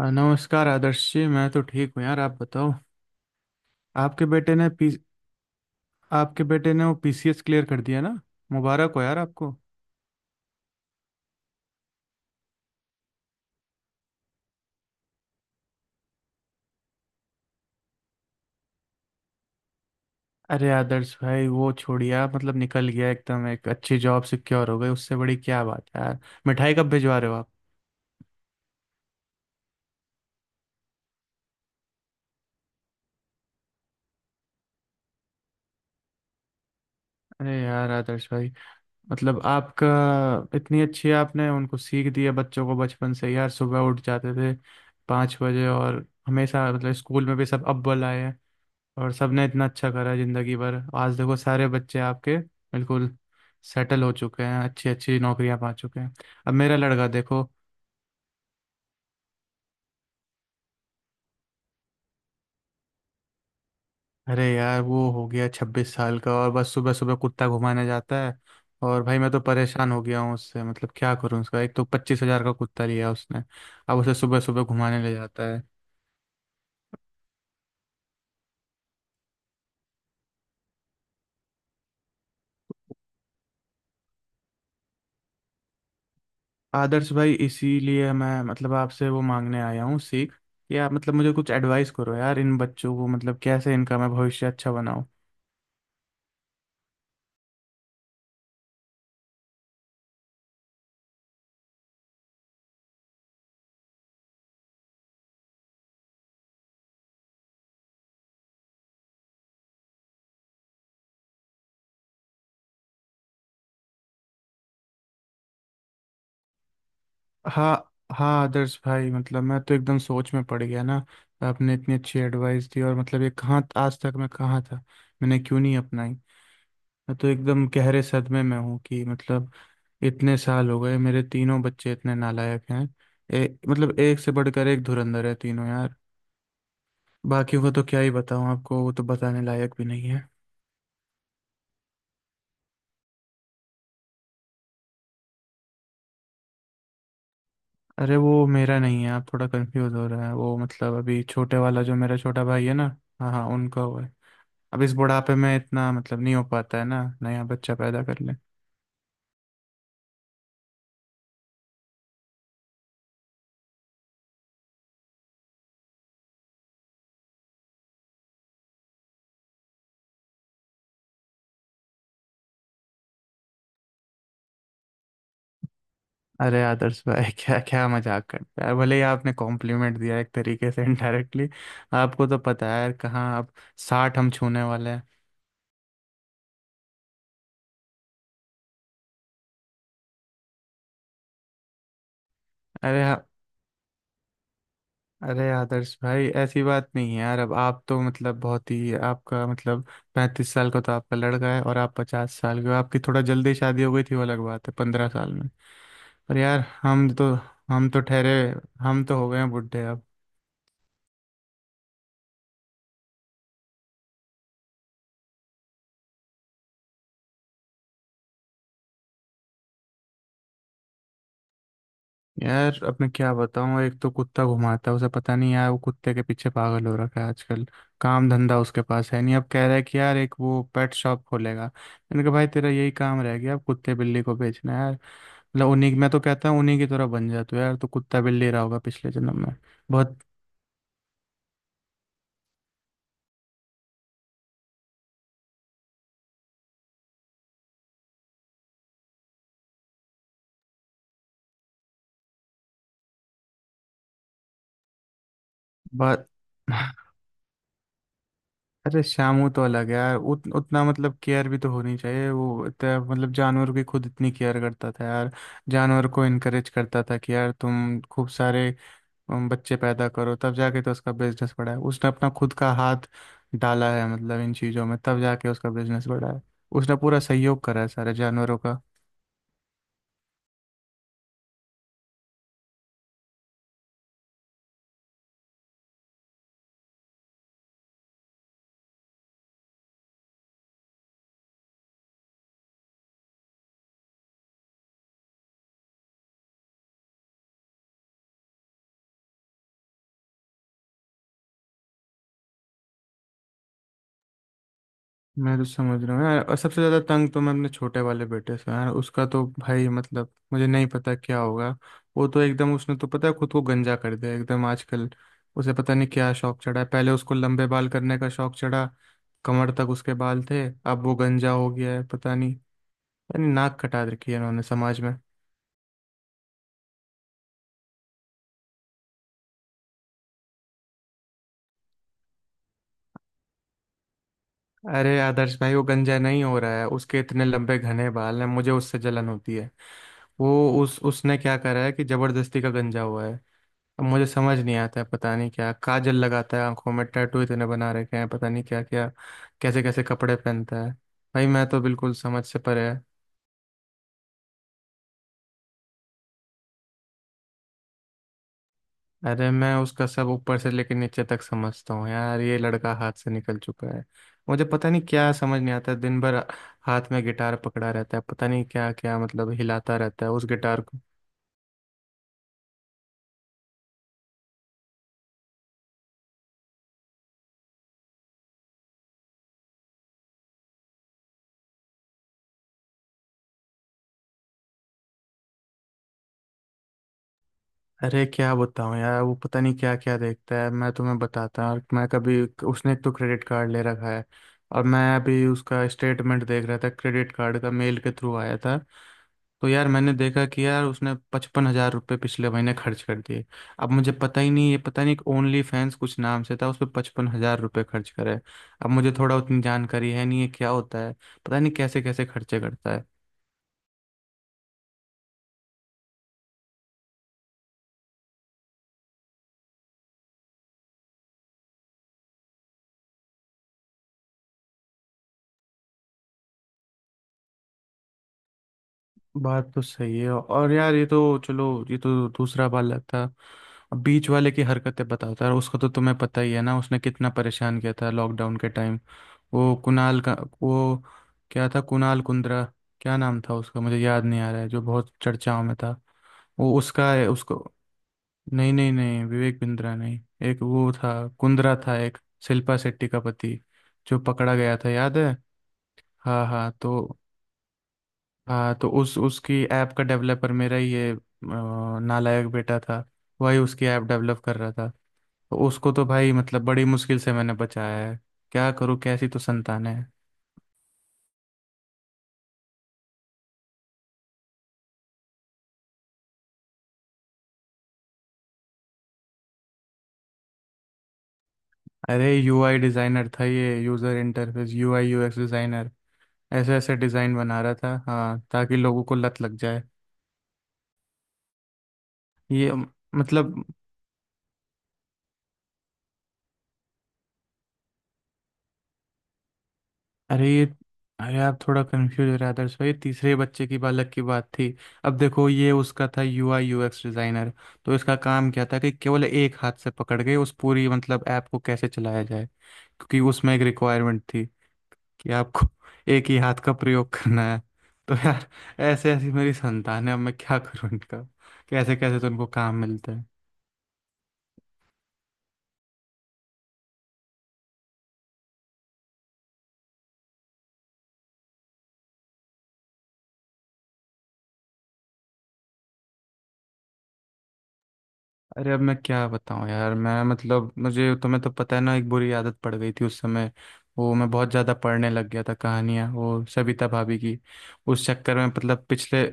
हाँ, नमस्कार आदर्श जी। मैं तो ठीक हूँ यार, आप बताओ। आपके बेटे ने पी आपके बेटे ने वो पीसीएस क्लियर कर दिया ना। मुबारक हो यार आपको। अरे आदर्श भाई, वो छोड़िया, मतलब निकल गया एकदम, एक अच्छी जॉब सिक्योर हो गई, उससे बड़ी क्या बात है यार। मिठाई कब भिजवा रहे हो आप। अरे यार आदर्श भाई, मतलब आपका, इतनी अच्छी आपने उनको सीख दिया, बच्चों को बचपन से यार सुबह उठ जाते थे 5 बजे, और हमेशा मतलब स्कूल में भी सब अव्वल आए हैं। और सबने इतना अच्छा करा जिंदगी भर, आज देखो सारे बच्चे आपके बिल्कुल सेटल हो चुके हैं, अच्छी अच्छी नौकरियां पा चुके हैं। अब मेरा लड़का देखो, अरे यार वो हो गया 26 साल का और बस सुबह सुबह कुत्ता घुमाने जाता है। और भाई मैं तो परेशान हो गया हूँ उससे, मतलब क्या करूँ उसका, एक तो 25 हजार का कुत्ता लिया उसने, अब उसे सुबह सुबह घुमाने ले जाता है। आदर्श भाई, इसीलिए मैं मतलब आपसे वो मांगने आया हूँ सीख, कि आप मतलब मुझे कुछ एडवाइस करो यार, इन बच्चों को मतलब कैसे इनका मैं भविष्य अच्छा बनाऊँ। हाँ हाँ, आदर्श भाई, मतलब मैं तो एकदम सोच में पड़ गया ना। आपने इतनी अच्छी एडवाइस दी, और मतलब ये कहाँ, आज तक मैं कहाँ था, मैंने क्यों नहीं अपनाई। मैं तो एकदम गहरे सदमे में हूँ कि मतलब इतने साल हो गए मेरे तीनों बच्चे इतने नालायक हैं। ए, मतलब एक से बढ़कर एक धुरंधर है तीनों यार। बाकी को तो क्या ही बताऊँ आपको, वो तो बताने लायक भी नहीं है। अरे वो मेरा नहीं है, आप थोड़ा कंफ्यूज हो रहे हैं, वो मतलब अभी छोटे वाला जो मेरा छोटा भाई है ना, हाँ हाँ उनका हुआ है। अब इस बुढ़ापे में इतना मतलब नहीं हो पाता है ना, नया बच्चा पैदा कर ले। अरे आदर्श भाई क्या क्या मजाक करते हैं, भले ही आपने कॉम्प्लीमेंट दिया एक तरीके से इनडायरेक्टली, आपको तो पता है यार कहाँ अब, 60 हम छूने वाले हैं। अरे आ- अरे आदर्श भाई, ऐसी बात नहीं है यार। अब आप तो मतलब बहुत ही आपका मतलब, 35 साल का तो आपका लड़का है और आप 50 साल के हो, आपकी थोड़ा जल्दी शादी हो गई थी वो अलग बात है, 15 साल में। पर यार हम तो ठहरे, हम तो हो गए हैं बुढ़े अब। यार अब मैं क्या बताऊँ, एक तो कुत्ता घुमाता है, उसे पता नहीं यार वो कुत्ते के पीछे पागल हो रखा है आजकल। काम धंधा उसके पास है नहीं, अब कह रहा है कि यार एक वो पेट शॉप खोलेगा, मैंने कहा भाई तेरा यही काम रह गया, अब कुत्ते बिल्ली को बेचना है यार। मतलब उन्हीं, मैं तो कहता हूँ उन्हीं की तरह बन जा तू यार, तो कुत्ता बिल्ली रहा होगा पिछले जन्म में। बहुत बहुत अरे शामू तो अलग है यार। उतना मतलब केयर भी तो होनी चाहिए, वो मतलब जानवर की खुद इतनी केयर करता था यार। जानवर को इनकरेज करता था कि यार तुम खूब सारे हम बच्चे पैदा करो, तब जाके तो उसका बिजनेस बढ़ा है। उसने अपना खुद का हाथ डाला है मतलब इन चीज़ों में, तब जाके उसका बिजनेस बढ़ा है। उसने पूरा सहयोग करा है सारे जानवरों का। मैं तो समझ रहा हूँ यार, और सबसे ज़्यादा तंग तो मैं अपने छोटे वाले बेटे से हूँ यार। उसका तो भाई मतलब मुझे नहीं पता क्या होगा। वो तो एकदम उसने तो पता है खुद को गंजा कर दिया एकदम आजकल। उसे पता नहीं क्या शौक चढ़ा है, पहले उसको लंबे बाल करने का शौक चढ़ा, कमर तक उसके बाल थे। अब वो गंजा हो गया है पता नहीं, यानी नाक कटा रखी है इन्होंने समाज में। अरे आदर्श भाई, वो गंजा नहीं हो रहा है, उसके इतने लंबे घने बाल हैं, मुझे उससे जलन होती है। वो उस उसने क्या करा है कि जबरदस्ती का गंजा हुआ है। अब मुझे समझ नहीं आता है, पता नहीं क्या काजल लगाता है आंखों में, टैटू इतने बना रखे हैं पता नहीं क्या क्या, कैसे कैसे कपड़े पहनता है। भाई मैं तो बिल्कुल समझ से परे है। अरे मैं उसका सब ऊपर से लेकर नीचे तक समझता हूँ यार, ये लड़का हाथ से निकल चुका है। मुझे पता नहीं क्या समझ नहीं आता है, दिन भर हाथ में गिटार पकड़ा रहता है, पता नहीं क्या क्या मतलब हिलाता रहता है उस गिटार को। अरे क्या बताऊं यार, वो पता नहीं क्या क्या देखता है, मैं तुम्हें बताता हूँ। मैं कभी, उसने एक तो क्रेडिट कार्ड ले रखा है, और मैं अभी उसका स्टेटमेंट देख रहा था, क्रेडिट कार्ड का मेल के थ्रू आया था। तो यार मैंने देखा कि यार उसने 55 हजार रुपये पिछले महीने खर्च कर दिए। अब मुझे पता ही नहीं, ये पता नहीं ओनली फैंस कुछ नाम से था, उस पर 55 हजार रुपये खर्च करे। अब मुझे थोड़ा उतनी जानकारी है नहीं है क्या होता है, पता नहीं कैसे कैसे खर्चे करता है। बात तो सही है। और यार ये तो चलो, ये तो दूसरा वाला था। अब बीच वाले की हरकतें बताता है, उसको तो तुम्हें पता ही है ना उसने कितना परेशान किया था लॉकडाउन के टाइम। वो कुणाल का, वो क्या था, कुणाल कुंद्रा, क्या नाम था उसका मुझे याद नहीं आ रहा है, जो बहुत चर्चाओं में था। वो उसका है, उसको, नहीं नहीं नहीं, विवेक बिंद्रा नहीं, एक वो था, कुंद्रा था एक, शिल्पा शेट्टी का पति, जो पकड़ा गया था याद है। हाँ हाँ, तो हाँ तो उस उसकी ऐप का डेवलपर मेरा ये नालायक बेटा था। वही उसकी ऐप डेवलप कर रहा था, तो उसको तो भाई मतलब बड़ी मुश्किल से मैंने बचाया है। क्या करूँ, कैसी तो संतान है। अरे यूआई डिज़ाइनर था ये, user interface, UI UX designer, ऐसे ऐसे डिज़ाइन बना रहा था हाँ, ताकि लोगों को लत लग जाए। ये मतलब, अरे ये अरे आप थोड़ा कंफ्यूज हो रहे हैं आदर्श भाई, तीसरे बच्चे की, बालक की बात थी। अब देखो ये उसका था यूआई यूएक्स डिजाइनर, तो इसका काम क्या था कि केवल एक हाथ से पकड़ के उस पूरी मतलब ऐप को कैसे चलाया जाए, क्योंकि उसमें एक रिक्वायरमेंट थी कि आपको एक ही हाथ का प्रयोग करना है। तो यार, ऐसे ऐसी मेरी संतान है, अब मैं क्या करूँ इनका, कैसे कैसे तो उनको काम मिलता है। अरे अब मैं क्या बताऊं यार, मैं मतलब मुझे, तुम्हें तो पता है ना एक बुरी आदत पड़ गई थी उस समय, वो मैं बहुत ज़्यादा पढ़ने लग गया था कहानियाँ, वो सविता भाभी की। उस चक्कर में मतलब पिछले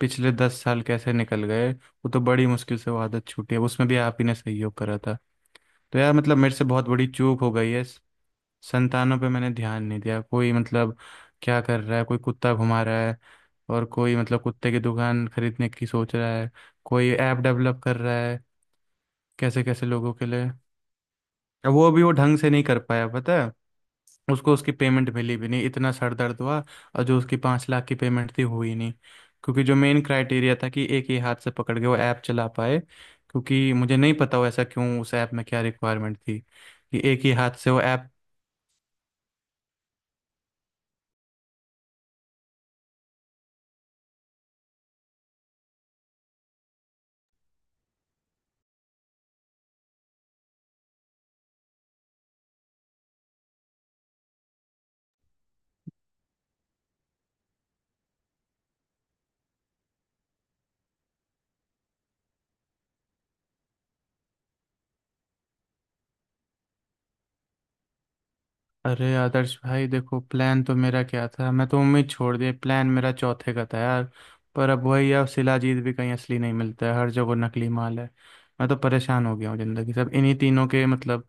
पिछले 10 साल कैसे निकल गए, वो तो बड़ी मुश्किल से वो आदत छूटी है, उसमें भी आप ही ने सहयोग करा था। तो यार मतलब मेरे से बहुत बड़ी चूक हो गई है, संतानों पे मैंने ध्यान नहीं दिया, कोई मतलब क्या कर रहा है, कोई कुत्ता घुमा रहा है, और कोई मतलब कुत्ते की दुकान खरीदने की सोच रहा है, कोई ऐप डेवलप कर रहा है कैसे कैसे लोगों के लिए। अब वो भी वो ढंग से नहीं कर पाया पता है, उसको उसकी पेमेंट मिली भी नहीं, इतना सर दर्द हुआ। और जो उसकी 5 लाख की पेमेंट थी हुई नहीं, क्योंकि जो मेन क्राइटेरिया था कि एक ही हाथ से पकड़ के वो ऐप चला पाए, क्योंकि मुझे नहीं पता वो ऐसा क्यों, उस ऐप में क्या रिक्वायरमेंट थी कि एक ही हाथ से वो ऐप। अरे आदर्श भाई देखो, प्लान तो मेरा क्या था, मैं तो उम्मीद छोड़ दी, प्लान मेरा चौथे का था यार। पर अब वही है, अब शिलाजीत भी कहीं असली नहीं मिलता है, हर जगह नकली माल है। मैं तो परेशान हो गया हूँ, जिंदगी सब इन्हीं तीनों के मतलब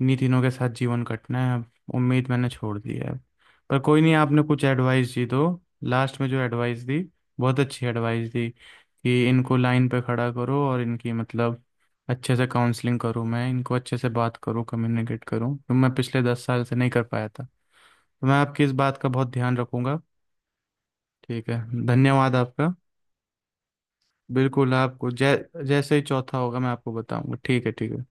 इन्हीं तीनों के साथ जीवन कटना है, अब उम्मीद मैंने छोड़ दी है अब। पर कोई नहीं, आपने कुछ एडवाइस दी तो, लास्ट में जो एडवाइस दी, बहुत अच्छी एडवाइस दी कि इनको लाइन पे खड़ा करो और इनकी मतलब अच्छे से काउंसलिंग करूँ, मैं इनको अच्छे से बात करूँ, कम्युनिकेट करूँ, तो मैं पिछले 10 साल से नहीं कर पाया था, तो मैं आपकी इस बात का बहुत ध्यान रखूंगा। ठीक है। धन्यवाद आपका। बिल्कुल, आपको जै जैसे ही चौथा होगा मैं आपको बताऊंगा। ठीक है, ठीक है।